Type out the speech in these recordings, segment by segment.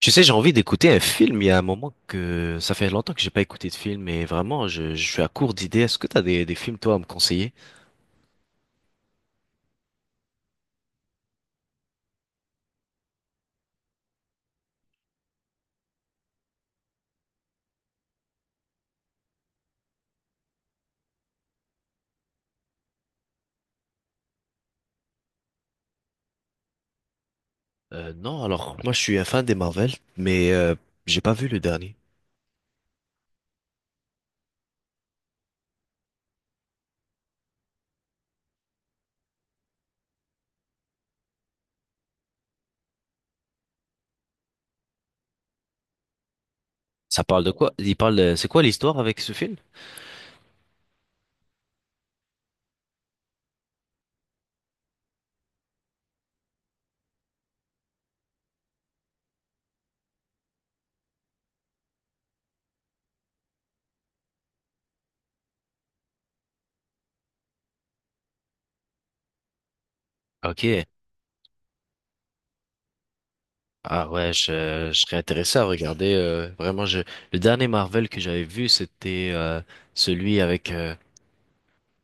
Tu sais, j'ai envie d'écouter un film. Il y a un moment que ça fait longtemps que j'ai pas écouté de film et vraiment, je suis à court d'idées. Est-ce que t'as des films, toi, à me conseiller? Non, alors, moi, je suis un fan des Marvel, mais j'ai pas vu le dernier. Ça parle de quoi? C'est quoi l'histoire avec ce film? Ok. Ah ouais, je serais intéressé à regarder. Le dernier Marvel que j'avais vu, c'était celui avec euh,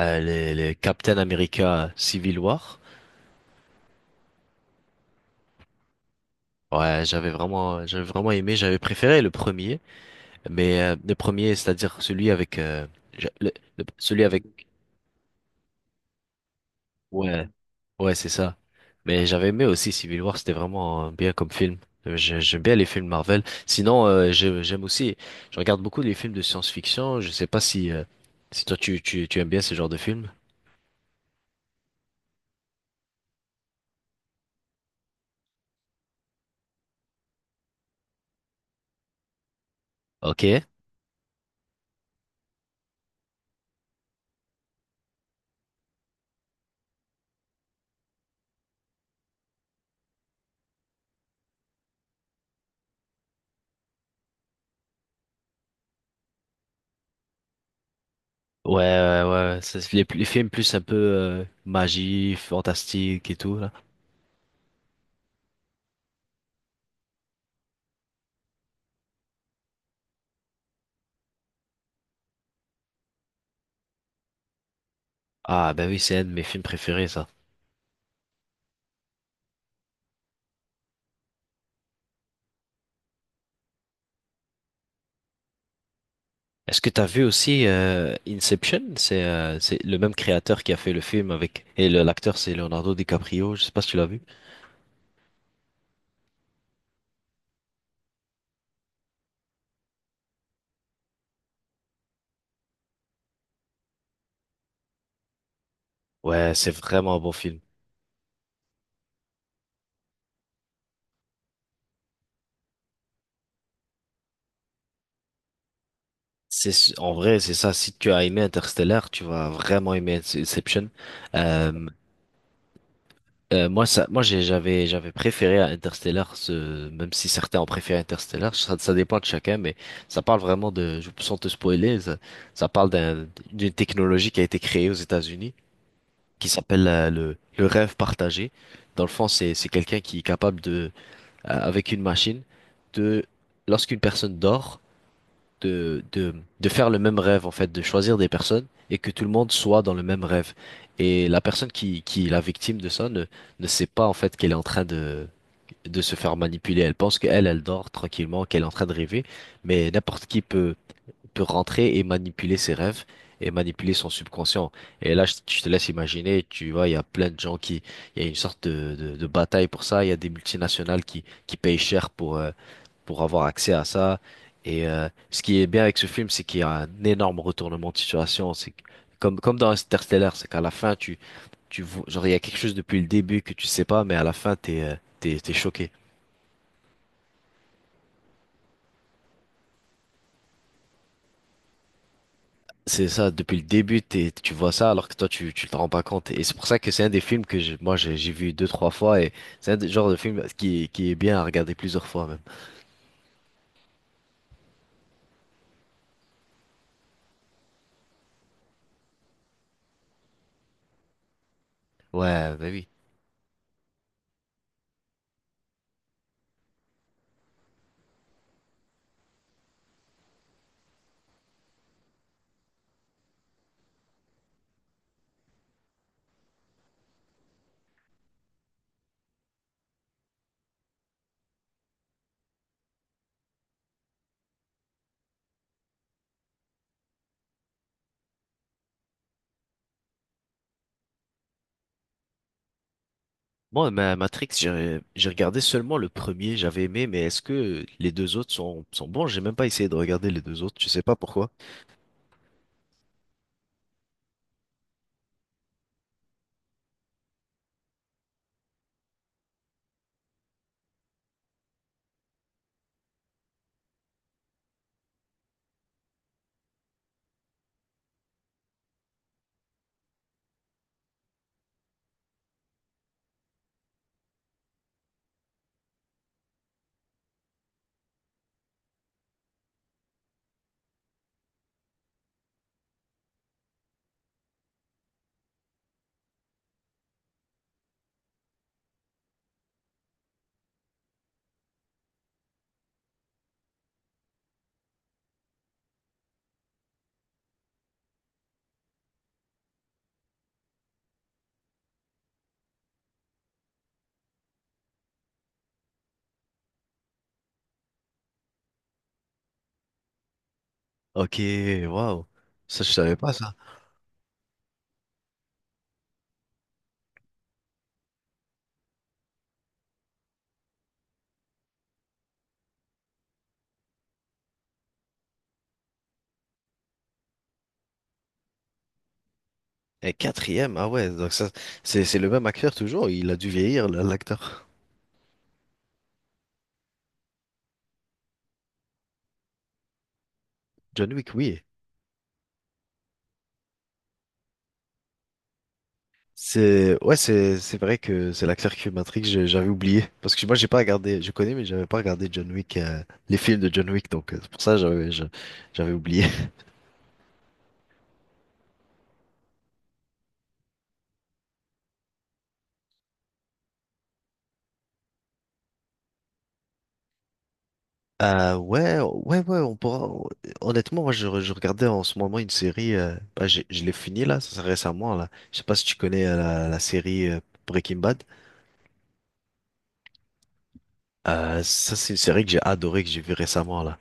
euh, le, le Captain America Civil War. Ouais, j'avais vraiment aimé, j'avais préféré le premier, mais le premier, c'est-à-dire celui avec, j'a- le- celui avec, ouais, ouais, c'est ça. Mais j'avais aimé aussi Civil War, c'était vraiment bien comme film. J'aime bien les films Marvel. Sinon, j'aime aussi, je regarde beaucoup les films de science-fiction. Je sais pas si toi tu aimes bien ce genre de films. Ok. Ouais, ouais, ouais. C'est les films plus un peu magie, fantastique et tout là. Ah, ben oui, c'est un de mes films préférés, ça. Est-ce que t'as vu aussi Inception? C'est le même créateur qui a fait le film avec et l'acteur c'est Leonardo DiCaprio. Je sais pas si tu l'as vu. Ouais, c'est vraiment un bon film. En vrai, c'est ça. Si tu as aimé Interstellar, tu vas vraiment aimer Inception. Euh, moi, j'avais préféré à Interstellar, ce, même si certains ont préféré Interstellar. Ça dépend de chacun, mais ça parle vraiment de, sans te spoiler, ça parle d'une technologie qui a été créée aux États-Unis qui s'appelle le rêve partagé. Dans le fond, c'est quelqu'un qui est capable de, avec une machine, de, lorsqu'une personne dort, de, de, de faire le même rêve, en fait, de choisir des personnes et que tout le monde soit dans le même rêve. Et la personne qui est la victime de ça ne sait pas, en fait, qu'elle est en train de se faire manipuler. Elle pense qu'elle, elle dort tranquillement, qu'elle est en train de rêver, mais n'importe qui peut rentrer et manipuler ses rêves et manipuler son subconscient. Et là, je te laisse imaginer, tu vois, il y a plein de gens il y a une sorte de, de bataille pour ça. Il y a des multinationales qui payent cher pour avoir accès à ça. Et ce qui est bien avec ce film, c'est qu'il y a un énorme retournement de situation. Comme dans Interstellar, c'est qu'à la fin, genre, il y a quelque chose depuis le début que tu sais pas, mais à la fin, t'es choqué. C'est ça, depuis le début, tu vois ça alors que toi tu te rends pas compte. Et c'est pour ça que c'est un des films que moi j'ai vu deux, trois fois et c'est genre de film qui est bien à regarder plusieurs fois même. Ouais, bah oui. Moi, ma Matrix, j'ai regardé seulement le premier, j'avais aimé, mais est-ce que les deux autres sont bons? J'ai même pas essayé de regarder les deux autres, je sais pas pourquoi. Ok, waouh. Ça, je savais pas ça. Et quatrième, ah ouais, donc ça, c'est le même acteur toujours, il a dû vieillir, l'acteur. John Wick, oui. C'est ouais, c'est vrai que c'est l'acteur qui fait Matrix, j'avais oublié parce que moi j'ai pas regardé, je connais mais j'avais pas regardé John Wick les films de John Wick donc c'est pour ça que j'avais oublié. Ouais, ouais ouais, honnêtement moi je regardais en ce moment une série bah, je l'ai fini là, ça c'est récemment là. Je sais pas si tu connais la série Breaking Bad. Ça c'est une série que j'ai adorée que j'ai vue récemment là.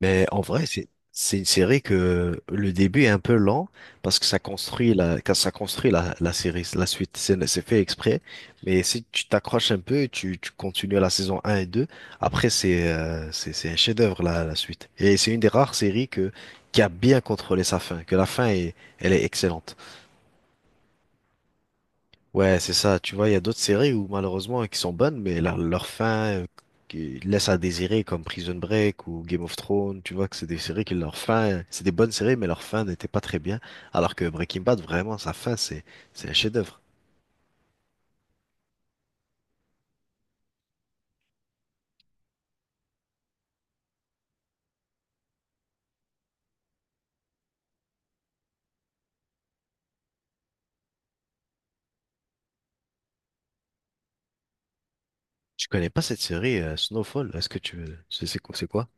Mais en vrai, c'est une série que le début est un peu lent parce que ça construit la quand ça construit la série, la suite, c'est fait exprès. Mais si tu t'accroches un peu, tu continues la saison un et 2. Après c'est un chef-d'œuvre la suite. Et c'est une des rares séries que qui a bien contrôlé sa fin, que la fin est elle est excellente. Ouais, c'est ça. Tu vois, il y a d'autres séries où malheureusement qui sont bonnes, mais leur fin qui laisse à désirer, comme Prison Break ou Game of Thrones. Tu vois que c'est des séries qui leur fin, c'est des bonnes séries, mais leur fin n'était pas très bien. Alors que Breaking Bad, vraiment, sa fin, c'est un chef-d'œuvre. Je connais pas cette série Snowfall. Est-ce que tu veux- c'est quoi? C'est quoi?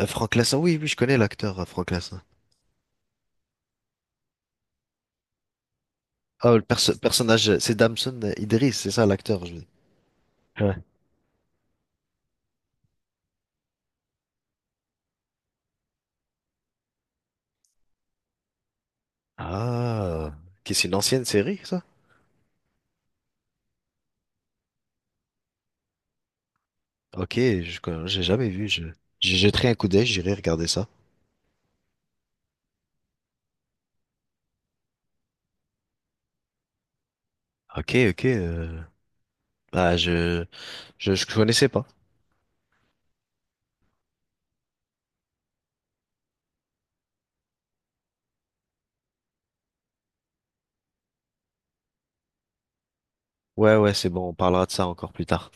Frank Lassin. Oui, oui, je connais l'acteur Frank Lassin. Ah, le personnage, c'est Damson Idris, c'est ça l'acteur. Je veux dire. Ouais. Ah, qui c'est une ancienne série, ça? Ok, j'ai jamais vu. J'ai jeté un coup d'œil, j'irai regarder ça. Ok, ok. Bah, je connaissais pas. Ouais, ouais, c'est bon, on parlera de ça encore plus tard.